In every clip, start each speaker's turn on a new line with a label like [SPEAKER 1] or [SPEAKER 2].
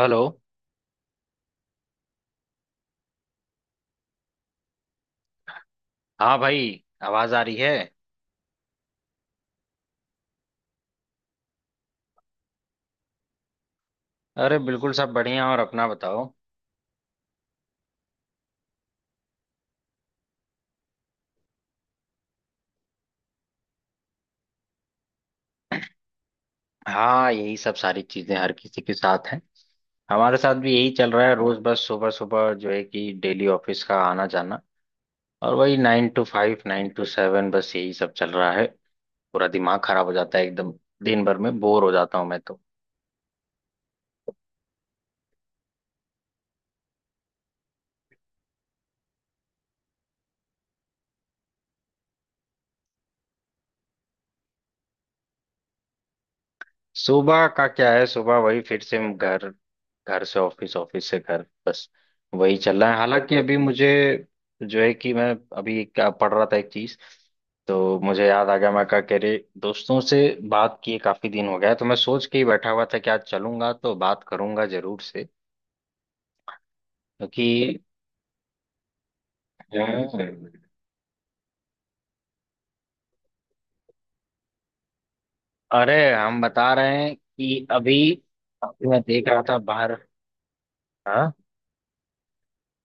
[SPEAKER 1] Hello. हाँ भाई, आवाज आ रही है। अरे बिल्कुल, सब बढ़िया। और अपना बताओ। हाँ, यही सब सारी चीजें हर किसी के साथ हैं। हमारे साथ भी यही चल रहा है, रोज बस सुबह सुबह जो है कि डेली ऑफिस का आना जाना। और वही 9 to 5, 9 to 7, बस यही सब चल रहा है। पूरा दिमाग खराब हो जाता है एकदम। दिन भर में बोर हो जाता हूँ मैं तो। सुबह का क्या है, सुबह वही फिर से हम घर, घर से ऑफिस, ऑफिस से घर, बस वही चल रहा है। हालांकि अभी मुझे जो है कि मैं अभी क्या पढ़ रहा था एक चीज, तो मुझे याद आ गया। मैं कहा, कह रहे दोस्तों से बात किए काफी दिन हो गया है, तो मैं सोच के ही बैठा हुआ था कि आज चलूंगा तो बात करूंगा जरूर से, क्योंकि हम्म, अरे हम बता रहे हैं कि अभी अभी मैं देख रहा था बाहर। हाँ,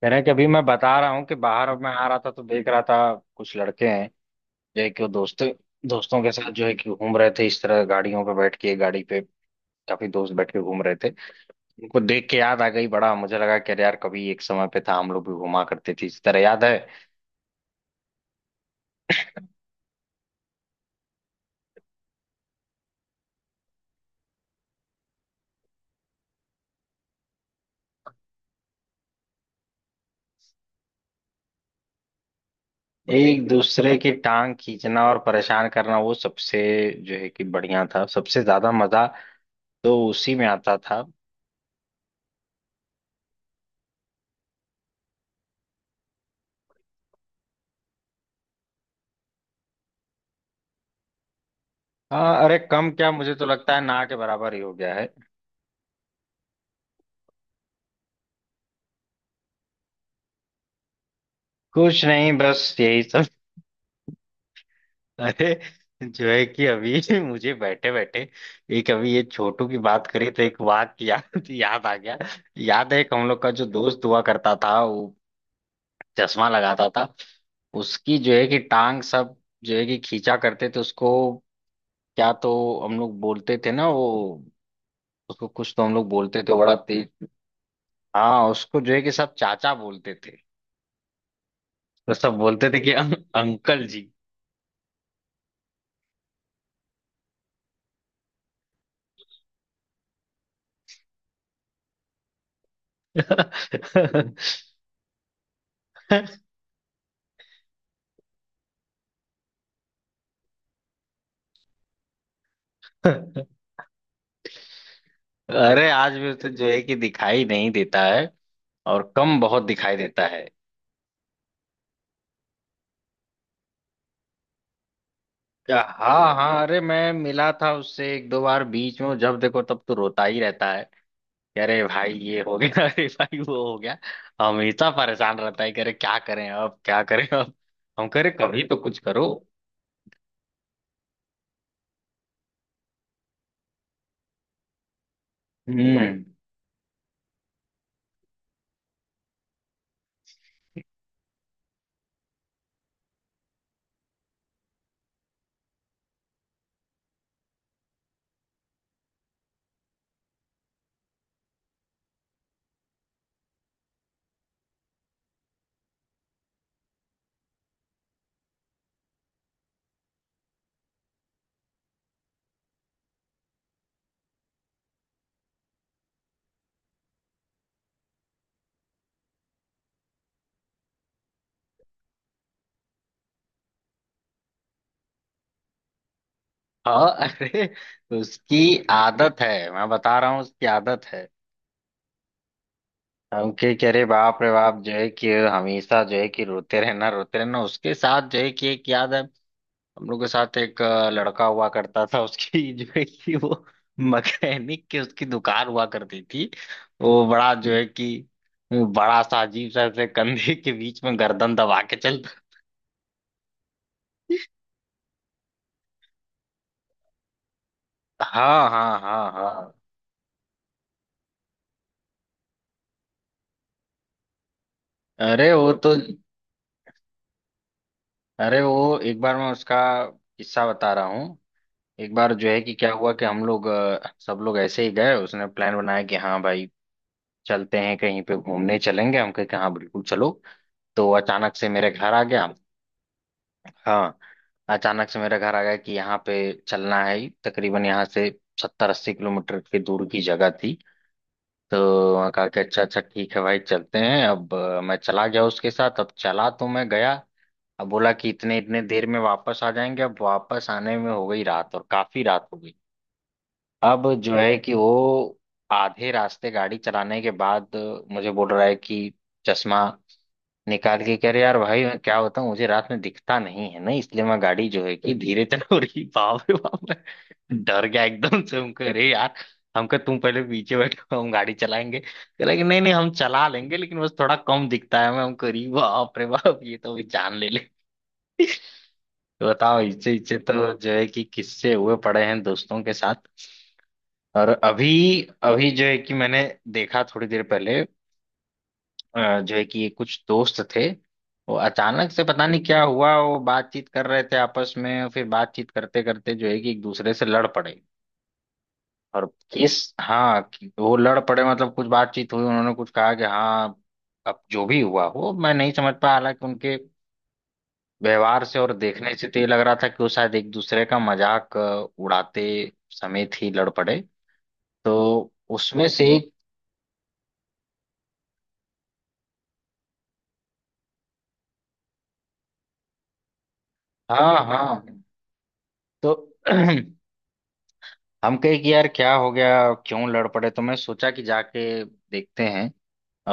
[SPEAKER 1] कह रहे हैं कि अभी मैं बता रहा हूँ कि बाहर अब मैं आ रहा था तो देख रहा था कुछ लड़के हैं जो है कि वो दोस्तों दोस्तों के साथ जो है कि घूम रहे थे, इस तरह गाड़ियों पे बैठ के, एक गाड़ी पे काफी दोस्त बैठ के घूम रहे थे। उनको देख के याद आ गई, बड़ा मुझे लगा कि अरे यार, कभी एक समय पे था हम लोग भी घुमा करते थे इस तरह, याद है एक दूसरे की टांग खींचना और परेशान करना, वो सबसे जो है कि बढ़िया था, सबसे ज्यादा मजा तो उसी में आता था। हाँ अरे, कम क्या, मुझे तो लगता है ना के बराबर ही हो गया है। कुछ नहीं, बस यही सब। अरे जो है कि अभी मुझे बैठे बैठे एक अभी ये छोटू की बात करी तो एक वाक्य याद याद आ गया। याद है एक हम लोग का जो दोस्त हुआ करता था, वो चश्मा लगाता था। उसकी जो है कि टांग सब जो है कि खींचा करते थे उसको। क्या तो हम लोग बोलते थे ना, वो उसको कुछ तो हम लोग बोलते थे, बड़ा तेज। हाँ, उसको जो है कि सब चाचा बोलते थे। तो सब बोलते थे कि अंकल जी। अरे आज भी तो जो है कि दिखाई नहीं देता है और कम, बहुत दिखाई देता है। हाँ, हाँ। अरे मैं मिला था उससे एक दो बार बीच में, जब देखो तब तो रोता ही रहता है कि अरे भाई ये हो गया, अरे भाई वो हो गया। हमेशा परेशान रहता है कि अरे क्या करें अब, क्या करें अब। हम कह रहे कभी तो कुछ करो। हम्म। हाँ अरे, उसकी आदत है, मैं बता रहा हूँ उसकी आदत है। हम के कह रहे बाप रे बाप, जो है कि हमेशा जो है कि रोते रहना रोते रहना। उसके साथ जो है कि एक याद है, हम लोग के साथ एक लड़का हुआ करता था, उसकी जो है कि वो मैकेनिक की उसकी दुकान हुआ करती थी। वो बड़ा जो है कि बड़ा सा अजीब सा, ऐसे कंधे के बीच में गर्दन दबा के चलता। हाँ, हाँ, हाँ, हाँ। अरे वो तो, अरे वो एक बार मैं उसका किस्सा बता रहा हूँ। एक बार जो है कि क्या हुआ कि हम लोग सब लोग ऐसे ही गए, उसने प्लान बनाया कि हाँ भाई चलते हैं कहीं पे घूमने चलेंगे। हम कहे कि हाँ बिल्कुल चलो। तो अचानक से मेरे घर आ गया। हाँ, अचानक से मेरे घर आ गया कि यहाँ पे चलना है ही। तकरीबन यहाँ से 70-80 किलोमीटर की दूर की जगह थी। तो वहाँ कहा कि अच्छा अच्छा ठीक है भाई चलते हैं। अब मैं चला गया उसके साथ, अब चला तो मैं गया। अब बोला कि इतने इतने देर में वापस आ जाएंगे, अब वापस आने में हो गई रात, और काफी रात हो गई। अब जो है कि वो आधे रास्ते गाड़ी चलाने के बाद मुझे बोल रहा है कि चश्मा निकाल के कह रहे यार भाई, मैं क्या होता हूँ, मुझे रात में दिखता नहीं है ना, इसलिए मैं गाड़ी जो है कि धीरे चला रही। बाप रे बाप, मैं डर गया एकदम से हमको। अरे यार, हमको तुम पहले पीछे बैठो, हम गाड़ी चलाएंगे। कहला कि नहीं नहीं, हम चला लेंगे, लेकिन बस थोड़ा कम दिखता है मैं। हमको अरे बाप रे बाप, ये तो भी जान ले ले। तो बताओ, इच्छे इच्छे तो जो है कि किस्से हुए पड़े हैं दोस्तों के साथ। और अभी अभी जो है कि मैंने देखा थोड़ी देर पहले, जो है कि कुछ दोस्त थे। वो अचानक से पता नहीं क्या हुआ, वो बातचीत कर रहे थे आपस में, फिर बातचीत करते करते जो है कि एक दूसरे से लड़ पड़े, और किस, हाँ कि वो लड़ पड़े, मतलब कुछ बातचीत हुई, उन्होंने कुछ कहा कि हाँ। अब जो भी हुआ हो मैं नहीं समझ पाया, हालांकि उनके व्यवहार से और देखने से तो ये लग रहा था कि वो शायद एक दूसरे का मजाक उड़ाते समय ही लड़ पड़े। तो उसमें से एक, हाँ हाँ। तो हम कहे कि यार क्या हो गया, क्यों लड़ पड़े। तो मैं सोचा कि जाके देखते हैं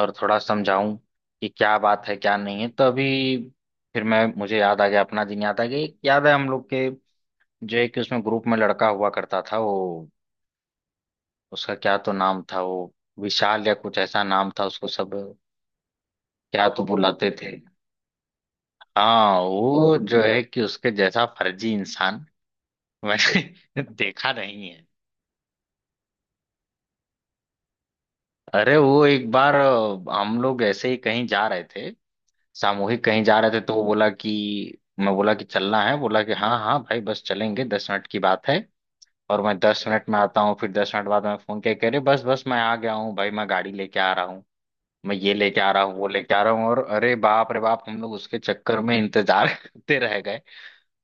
[SPEAKER 1] और थोड़ा समझाऊं कि क्या बात है, क्या नहीं है। तो अभी फिर मैं, मुझे याद आ गया, अपना दिन याद आ गया। एक याद है, हम लोग के जो एक उसमें ग्रुप में लड़का हुआ करता था, वो उसका क्या तो नाम था, वो विशाल या कुछ ऐसा नाम था। उसको सब क्या तो बुलाते थे। हाँ, वो जो है कि उसके जैसा फर्जी इंसान मैंने देखा नहीं है। अरे वो एक बार हम लोग ऐसे ही कहीं जा रहे थे, सामूहिक कहीं जा रहे थे, तो वो बोला कि, मैं बोला कि चलना है, बोला कि हाँ हाँ भाई बस चलेंगे, 10 मिनट की बात है, और मैं 10 मिनट में आता हूँ। फिर 10 मिनट बाद मैं फोन किया, कह रहे बस बस मैं आ गया हूँ भाई, मैं गाड़ी लेके आ रहा हूँ, मैं ये लेके आ रहा हूँ वो लेके आ रहा हूँ। और अरे बाप रे बाप, हम लोग उसके चक्कर में इंतजार करते रह गए।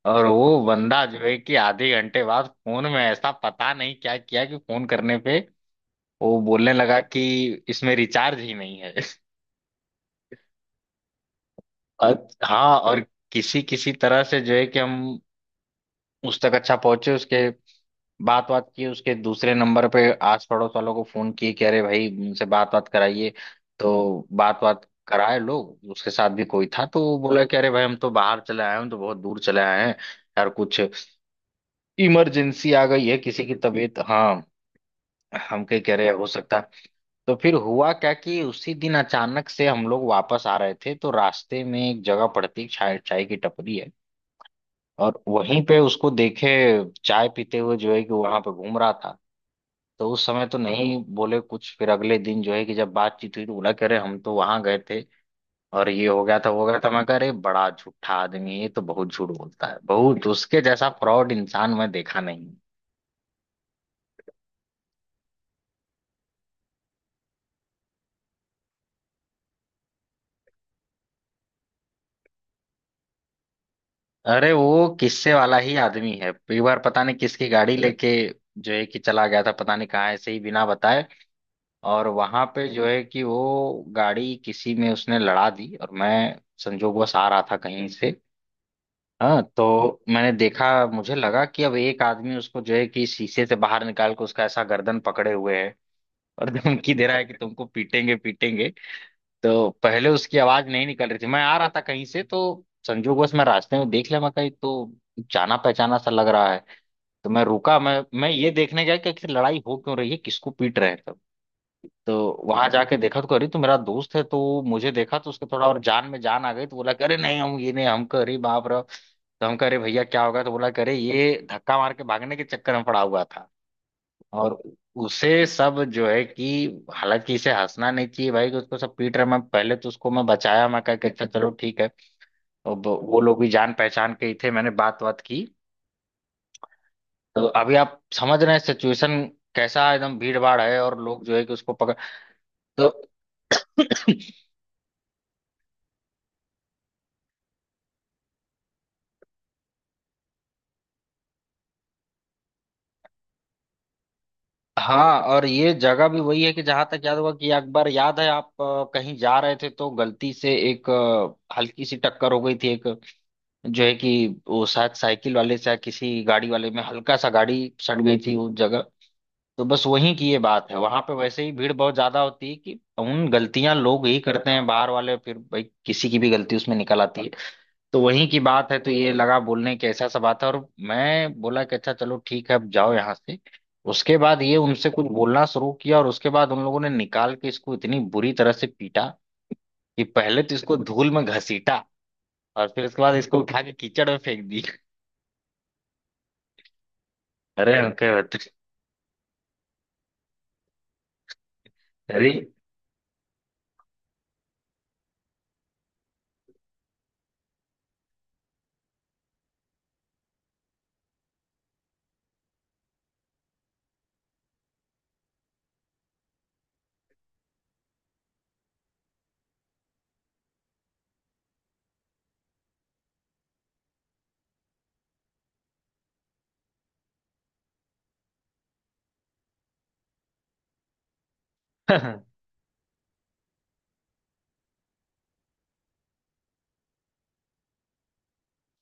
[SPEAKER 1] और वो बंदा जो है कि आधे घंटे बाद फोन में ऐसा पता नहीं क्या किया कि फोन करने पे वो बोलने लगा कि इसमें रिचार्ज ही नहीं है। और हाँ, और किसी किसी तरह से जो है कि हम उस तक अच्छा पहुंचे। उसके बात बात की, उसके दूसरे नंबर पे, आस पड़ोस वालों को फोन किए कि अरे भाई उनसे बात बात कराइए। तो बात बात कराए, लोग उसके साथ भी कोई था तो वो बोला कि अरे भाई हम तो बाहर चले आए हैं, हम तो बहुत दूर चले आए हैं। यार कुछ इमरजेंसी आ गई है किसी की तबीयत, हाँ, हम कहीं कह रहे हैं, हो सकता है। तो फिर हुआ क्या कि उसी दिन अचानक से हम लोग वापस आ रहे थे, तो रास्ते में एक जगह पड़ती है, चाय चाय की टपरी है, और वहीं पे उसको देखे चाय पीते हुए जो है कि वहां पे घूम रहा था। तो उस समय तो नहीं बोले कुछ, फिर अगले दिन जो है कि जब बातचीत हुई तो बोला कि अरे हम तो वहां गए थे और ये हो गया था वो हो गया था। मैं कह अरे बड़ा झूठा आदमी है, ये तो बहुत झूठ बोलता है बहुत, उसके जैसा फ्रॉड इंसान मैं देखा नहीं। अरे वो किस्से वाला ही आदमी है। एक बार पता नहीं किसकी गाड़ी लेके जो है कि चला गया था पता नहीं कहाँ, ऐसे ही बिना बताए। और वहां पे जो है कि वो गाड़ी किसी में उसने लड़ा दी, और मैं संजोगवश आ रहा था कहीं से। हाँ, तो मैंने देखा। मुझे लगा कि अब एक आदमी उसको जो है कि शीशे से बाहर निकाल के उसका ऐसा गर्दन पकड़े हुए है, और धमकी दे रहा है कि तुमको पीटेंगे पीटेंगे। तो पहले उसकी आवाज नहीं निकल रही थी। मैं आ रहा था कहीं से, तो संजोगवश मैं रास्ते में देख लिया। मैं कहीं तो जाना पहचाना सा लग रहा है। तो मैं रुका, मैं ये देखने गया कि आखिर लड़ाई हो क्यों रही है, किसको पीट रहे हैं। तो वहां जाके देखा तो करी तो मेरा दोस्त है, तो मुझे देखा तो उसके थोड़ा और जान में जान आ गई। तो बोला कि, अरे नहीं हम ये नहीं हम, अरे बाप रे। तो हम कह रहे भैया क्या होगा, तो बोला करे ये धक्का मार के भागने के चक्कर में पड़ा हुआ था। और उसे सब जो है कि, हालांकि इसे हंसना नहीं चाहिए भाई कि उसको सब पीट रहे। मैं पहले तो उसको मैं बचाया, मैं कहा कि अच्छा चलो ठीक है। अब वो लोग भी जान पहचान के ही थे, मैंने बात बात की। तो अभी आप समझ रहे हैं सिचुएशन कैसा, एकदम भीड़ भाड़ है और लोग जो है कि उसको पकड़। तो हाँ, और ये जगह भी वही है कि जहां तक याद होगा कि एक बार याद है आप कहीं जा रहे थे तो गलती से एक हल्की सी टक्कर हो गई थी एक जो है कि वो शायद साइकिल वाले से या किसी गाड़ी वाले में हल्का सा गाड़ी सट गई थी उस जगह। तो बस वहीं की ये बात है। वहां पे वैसे ही भीड़ बहुत ज्यादा होती है कि उन गलतियां लोग ही करते हैं बाहर वाले, फिर भाई किसी की भी गलती उसमें निकल आती है। तो वहीं की बात है, तो ये लगा बोलने की ऐसा सा बात है। और मैं बोला कि अच्छा चलो ठीक है, अब जाओ यहाँ से। उसके बाद ये उनसे कुछ बोलना शुरू किया, और उसके बाद उन लोगों ने निकाल के इसको इतनी बुरी तरह से पीटा कि पहले तो इसको धूल में घसीटा, और फिर उसके बाद इसको उठा के कीचड़ में फेंक दी। अरे उनके अरे।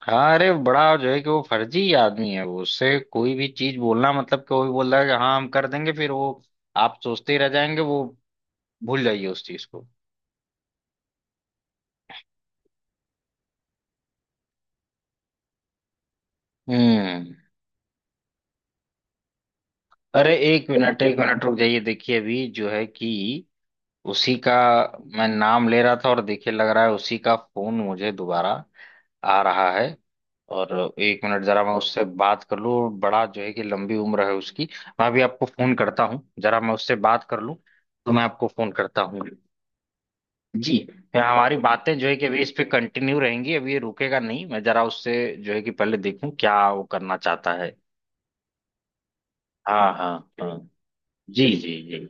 [SPEAKER 1] हाँ, अरे बड़ा जो है कि वो फर्जी आदमी है। वो उससे कोई भी चीज बोलना मतलब कि, वो भी बोल रहा है कि हाँ हम कर देंगे, फिर वो आप सोचते ही रह जाएंगे। वो भूल जाइए उस चीज को। हम्म। अरे एक मिनट रुक जाइए, देखिए अभी जो है कि उसी का मैं नाम ले रहा था, और देखिए लग रहा है उसी का फोन मुझे दोबारा आ रहा है। और एक मिनट, जरा मैं उससे बात कर लूँ, बड़ा जो है कि लंबी उम्र है उसकी। मैं अभी आपको फोन करता हूँ, जरा मैं उससे बात कर लूँ। तो मैं आपको फोन करता हूँ। जी। फिर हमारी बातें जो है कि अभी इस पे कंटिन्यू रहेंगी, अभी ये रुकेगा नहीं। मैं जरा उससे जो है कि पहले देखूं क्या वो करना चाहता है। हाँ, हाँ। हाँ। जी, जी, जी।